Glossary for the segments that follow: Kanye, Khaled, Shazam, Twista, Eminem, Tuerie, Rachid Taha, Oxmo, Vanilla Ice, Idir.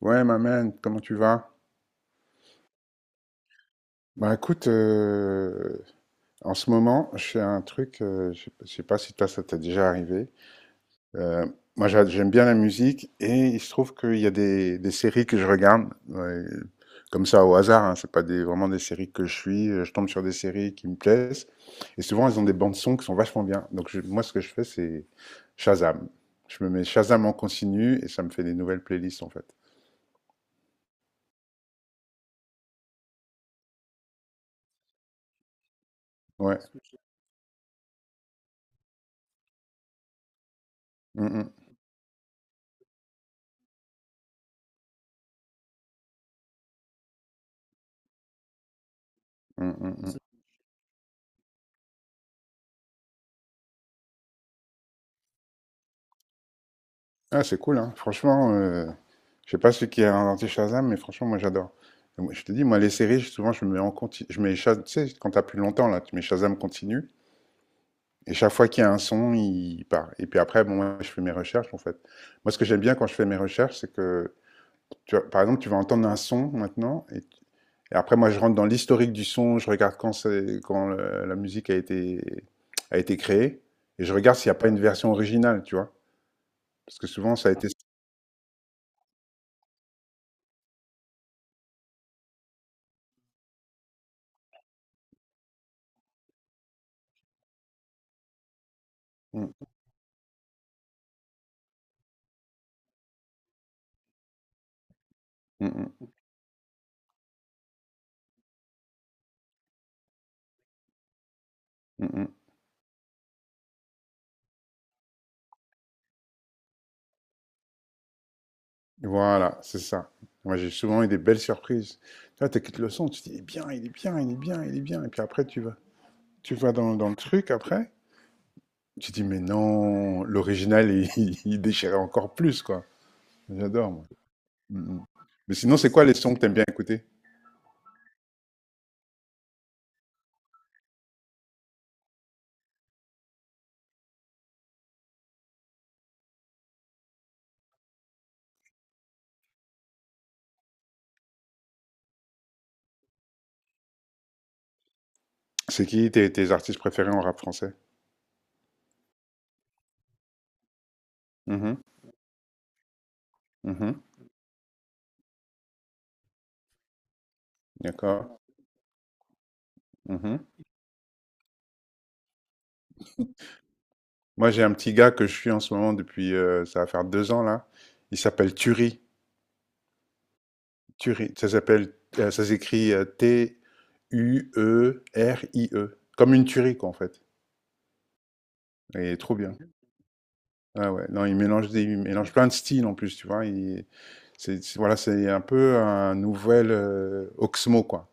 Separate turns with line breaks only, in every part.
Ouais, ma man, comment tu vas? Bah écoute, en ce moment, je fais un truc, je sais pas si toi ça t'est déjà arrivé. Euh, Moi j'aime bien la musique et il se trouve qu'il y a des séries que je regarde, ouais, comme ça au hasard, hein, c'est pas des, vraiment des séries que je suis, je tombe sur des séries qui me plaisent et souvent elles ont des bandes sons qui sont vachement bien. Donc moi ce que je fais c'est Shazam. Je me mets Shazam en continu et ça me fait des nouvelles playlists en fait. Ouais. Mm, mm, mm, mm, mm. Ah, c'est cool, hein. Franchement, je sais pas celui qui a inventé Shazam, mais franchement, moi, j'adore. Et moi, je te dis, moi, les séries, souvent, je mets en continu. Je mets Shazam, tu sais, quand t'as plus longtemps, là, tu mets Shazam continue. Et chaque fois qu'il y a un son, il part. Et puis après, bon, moi, je fais mes recherches, en fait. Moi, ce que j'aime bien quand je fais mes recherches, c'est que, tu vois, par exemple, tu vas entendre un son maintenant. Et après, moi, je rentre dans l'historique du son. Je regarde quand, quand la musique a été créée. Et je regarde s'il n'y a pas une version originale, tu vois. Parce que souvent, ça a été. Mm, mm, mm, mm, mm. Voilà, c'est ça. Moi, j'ai souvent eu des belles surprises. Tu vois, t'écoutes le son, tu te dis, il est bien, il est bien, il est bien, il est bien. Et puis après, tu vas dans le truc après, tu te dis, mais non, l'original, il, il déchirait encore plus, quoi. J'adore, moi. Mm, mm. Mais sinon, c'est quoi les sons que t'aimes bien écouter? C'est qui tes artistes préférés en rap français? Mhm, mhm, d'accord. Mhm. Moi, j'ai un petit gars que je suis en ce moment depuis, ça va faire 2 ans, là. Il s'appelle Turi. Turie. Ça s'appelle, ça s'écrit Tuerie. Comme une tuerie, quoi, en fait. Et il est trop bien. Ah ouais, non, il mélange il mélange plein de styles en plus, tu vois. Voilà, c'est un peu un nouvel Oxmo, quoi.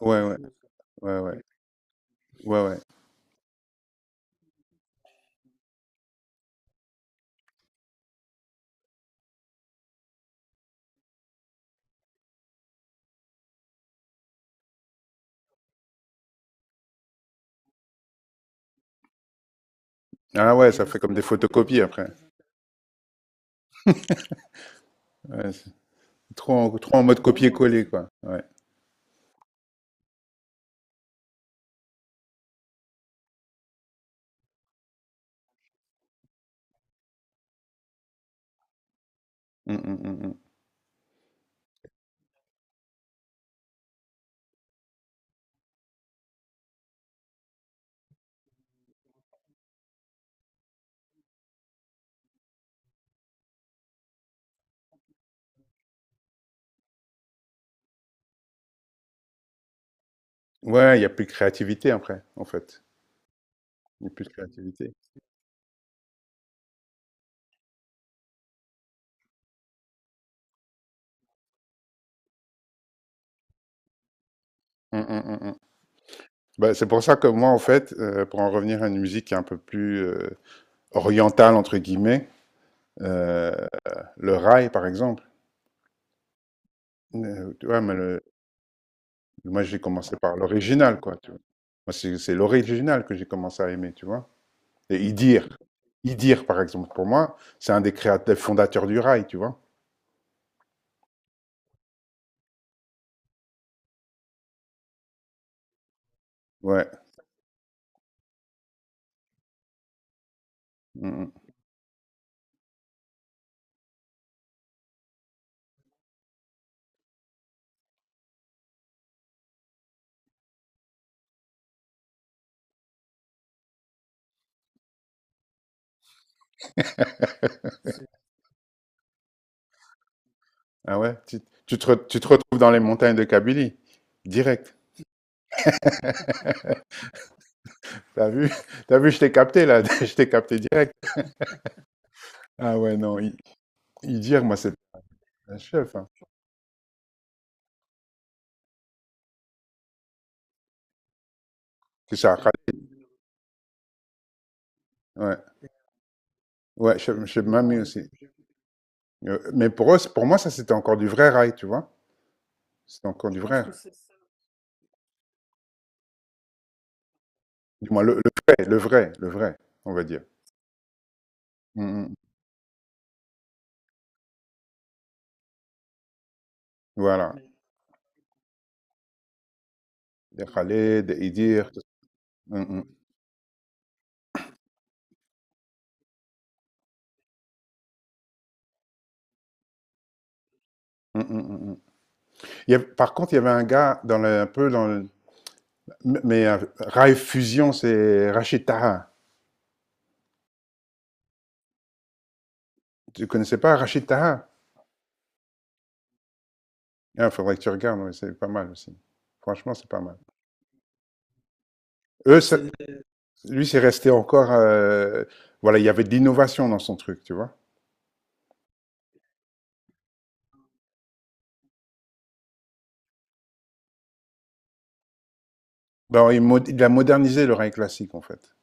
Ouais, ouais, ouais, ouais, ouais, ouais. Ah ouais, ça fait comme des photocopies après. Ouais, c'est trop en mode copier-coller, quoi. Ouais. Mm, mm, mm, mm. Ouais, il y a plus de créativité après, en fait. Il y a plus de créativité. Mm, mm, mm, mm. Bah, c'est pour ça que moi, en fait, pour en revenir à une musique qui est un peu plus orientale, entre guillemets, euh, le rail, par exemple, tu vois, mais moi, j'ai commencé par l'original, quoi, tu vois. Moi, c'est l'original que j'ai commencé à aimer, tu vois. Et Idir, Idir, par exemple, pour moi, c'est un des créateurs, fondateurs du rail, tu vois. Ouais. Mm, mm. Ah ouais, tu te retrouves dans les montagnes de Kabylie, direct. T'as vu? T'as vu, je t'ai capté, là. Je t'ai capté direct. Ah ouais, non, Idir, moi, c'est un chef, hein. C'est ça, Khaled. Ouais, ouais, chef, chef Mamie aussi. Mais pour eux, pour moi, ça, c'était encore du vrai rail, tu vois. C'était encore Je du Je pense vrai. Que c'est... Du moins, le vrai, le vrai, le vrai, on va dire. Mm, mm. Voilà. Des Khaled, des Idir. Mm, mm. Mm, mm, mm, mm. Par contre, il y avait un gars dans le, un peu dans le, mais rail fusion, c'est Rachid Taha. Tu connaissais pas Rachid Taha? Il faudrait que tu regardes, ouais, c'est pas mal aussi. Franchement, c'est pas mal. Eux, ça- Lui, c'est resté encore. Voilà, il y avait de l'innovation dans son truc, tu vois. Ben, il a modernisé le rail classique, en fait.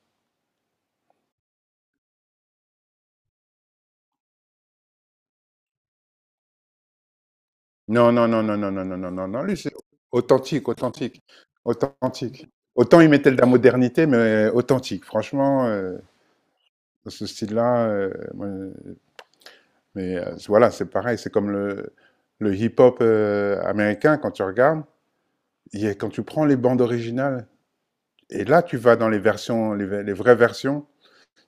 Non, non, non, non, non, non, non, non, non, non. Lui, c'est authentique, authentique, authentique. Autant il mettait de la modernité, mais authentique. Franchement, dans ce style-là, moi, mais voilà, c'est pareil. C'est comme le hip-hop américain, quand tu regardes, quand tu prends les bandes originales, et là, tu vas dans les versions, les vraies versions.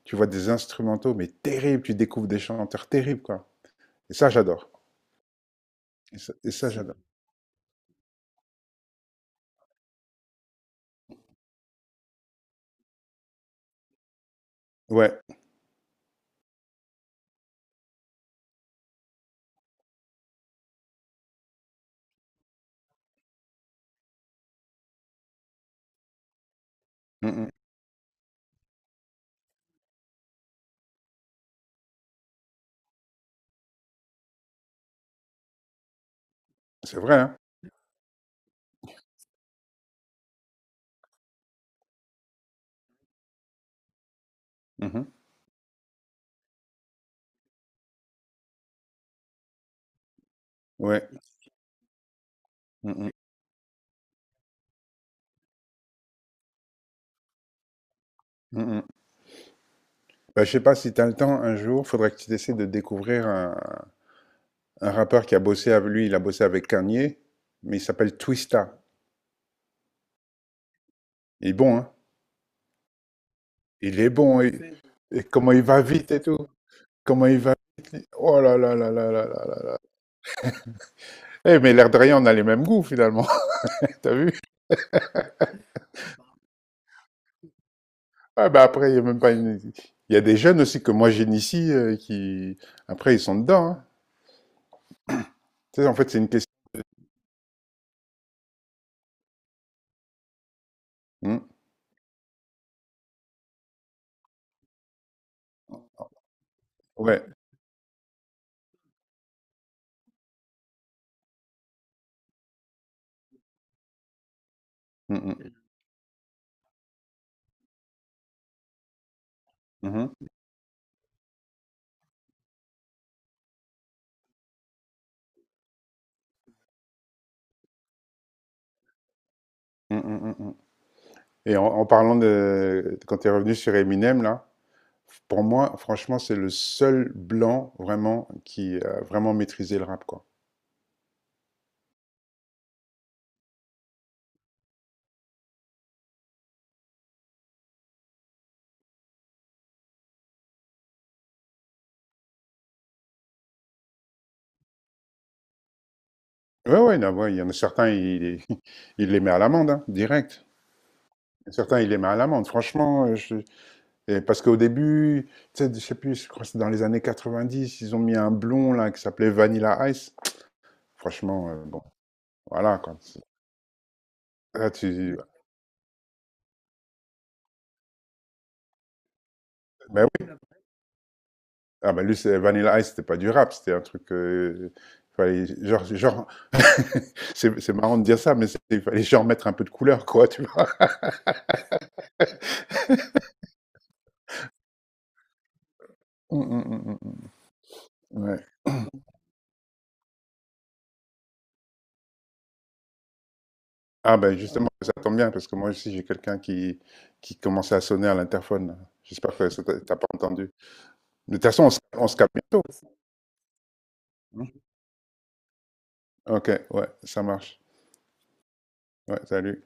Tu vois des instrumentaux, mais terribles. Tu découvres des chanteurs terribles, quoi. Et ça, j'adore. J'adore. Ouais. Mm, mm. C'est vrai, hein? Mhm. Ouais. Mm, mm. Mm, mm. Bah, je sais pas si tu as le temps un jour, faudrait que tu essaies de découvrir un rappeur qui a bossé avec lui. Il a bossé avec Kanye, mais il s'appelle Twista. Il est bon, hein? Il est bon. Et comment il va vite et tout. Comment il va vite. Lui. Oh là là là là là là là. Eh, mais l'air de rien, on a les mêmes goûts finalement. T'as vu? Ah bah après, il y a même pas une... Il y a des jeunes aussi que moi j'initie qui... Après, ils sont dedans, hein. Tu sais, en fait, c'est une question... Mm. Ouais. Mm, mm. Mhm. Mm, mm, mm, mm. Et en parlant de... Quand tu es revenu sur Eminem, là, pour moi, franchement, c'est le seul blanc vraiment qui a vraiment maîtrisé le rap, quoi. Ouais, ouais, là, ouais, il y en a certains, il, il les met à l'amende, hein, direct. Certains, il les met à l'amende. Franchement, je, et parce qu'au début, tu sais, je sais plus, je crois que c'est dans les années 90, ils ont mis un blond là qui s'appelait Vanilla Ice. Franchement, bon, voilà, quand là, tu ben oui, ah ben lui c'est Vanilla Ice, c'était pas du rap, c'était un truc fallait genre c'est marrant de dire ça mais il fallait genre mettre un peu de couleur quoi, tu vois. Mm, mm, mm, mm, ouais. Ah ben justement, ça tombe bien parce que moi aussi j'ai quelqu'un qui commençait à sonner à l'interphone, là. J'espère que ça t'as pas entendu. De toute façon, on se capte bientôt, hein. Ok, ouais, ça marche. Ouais, salut.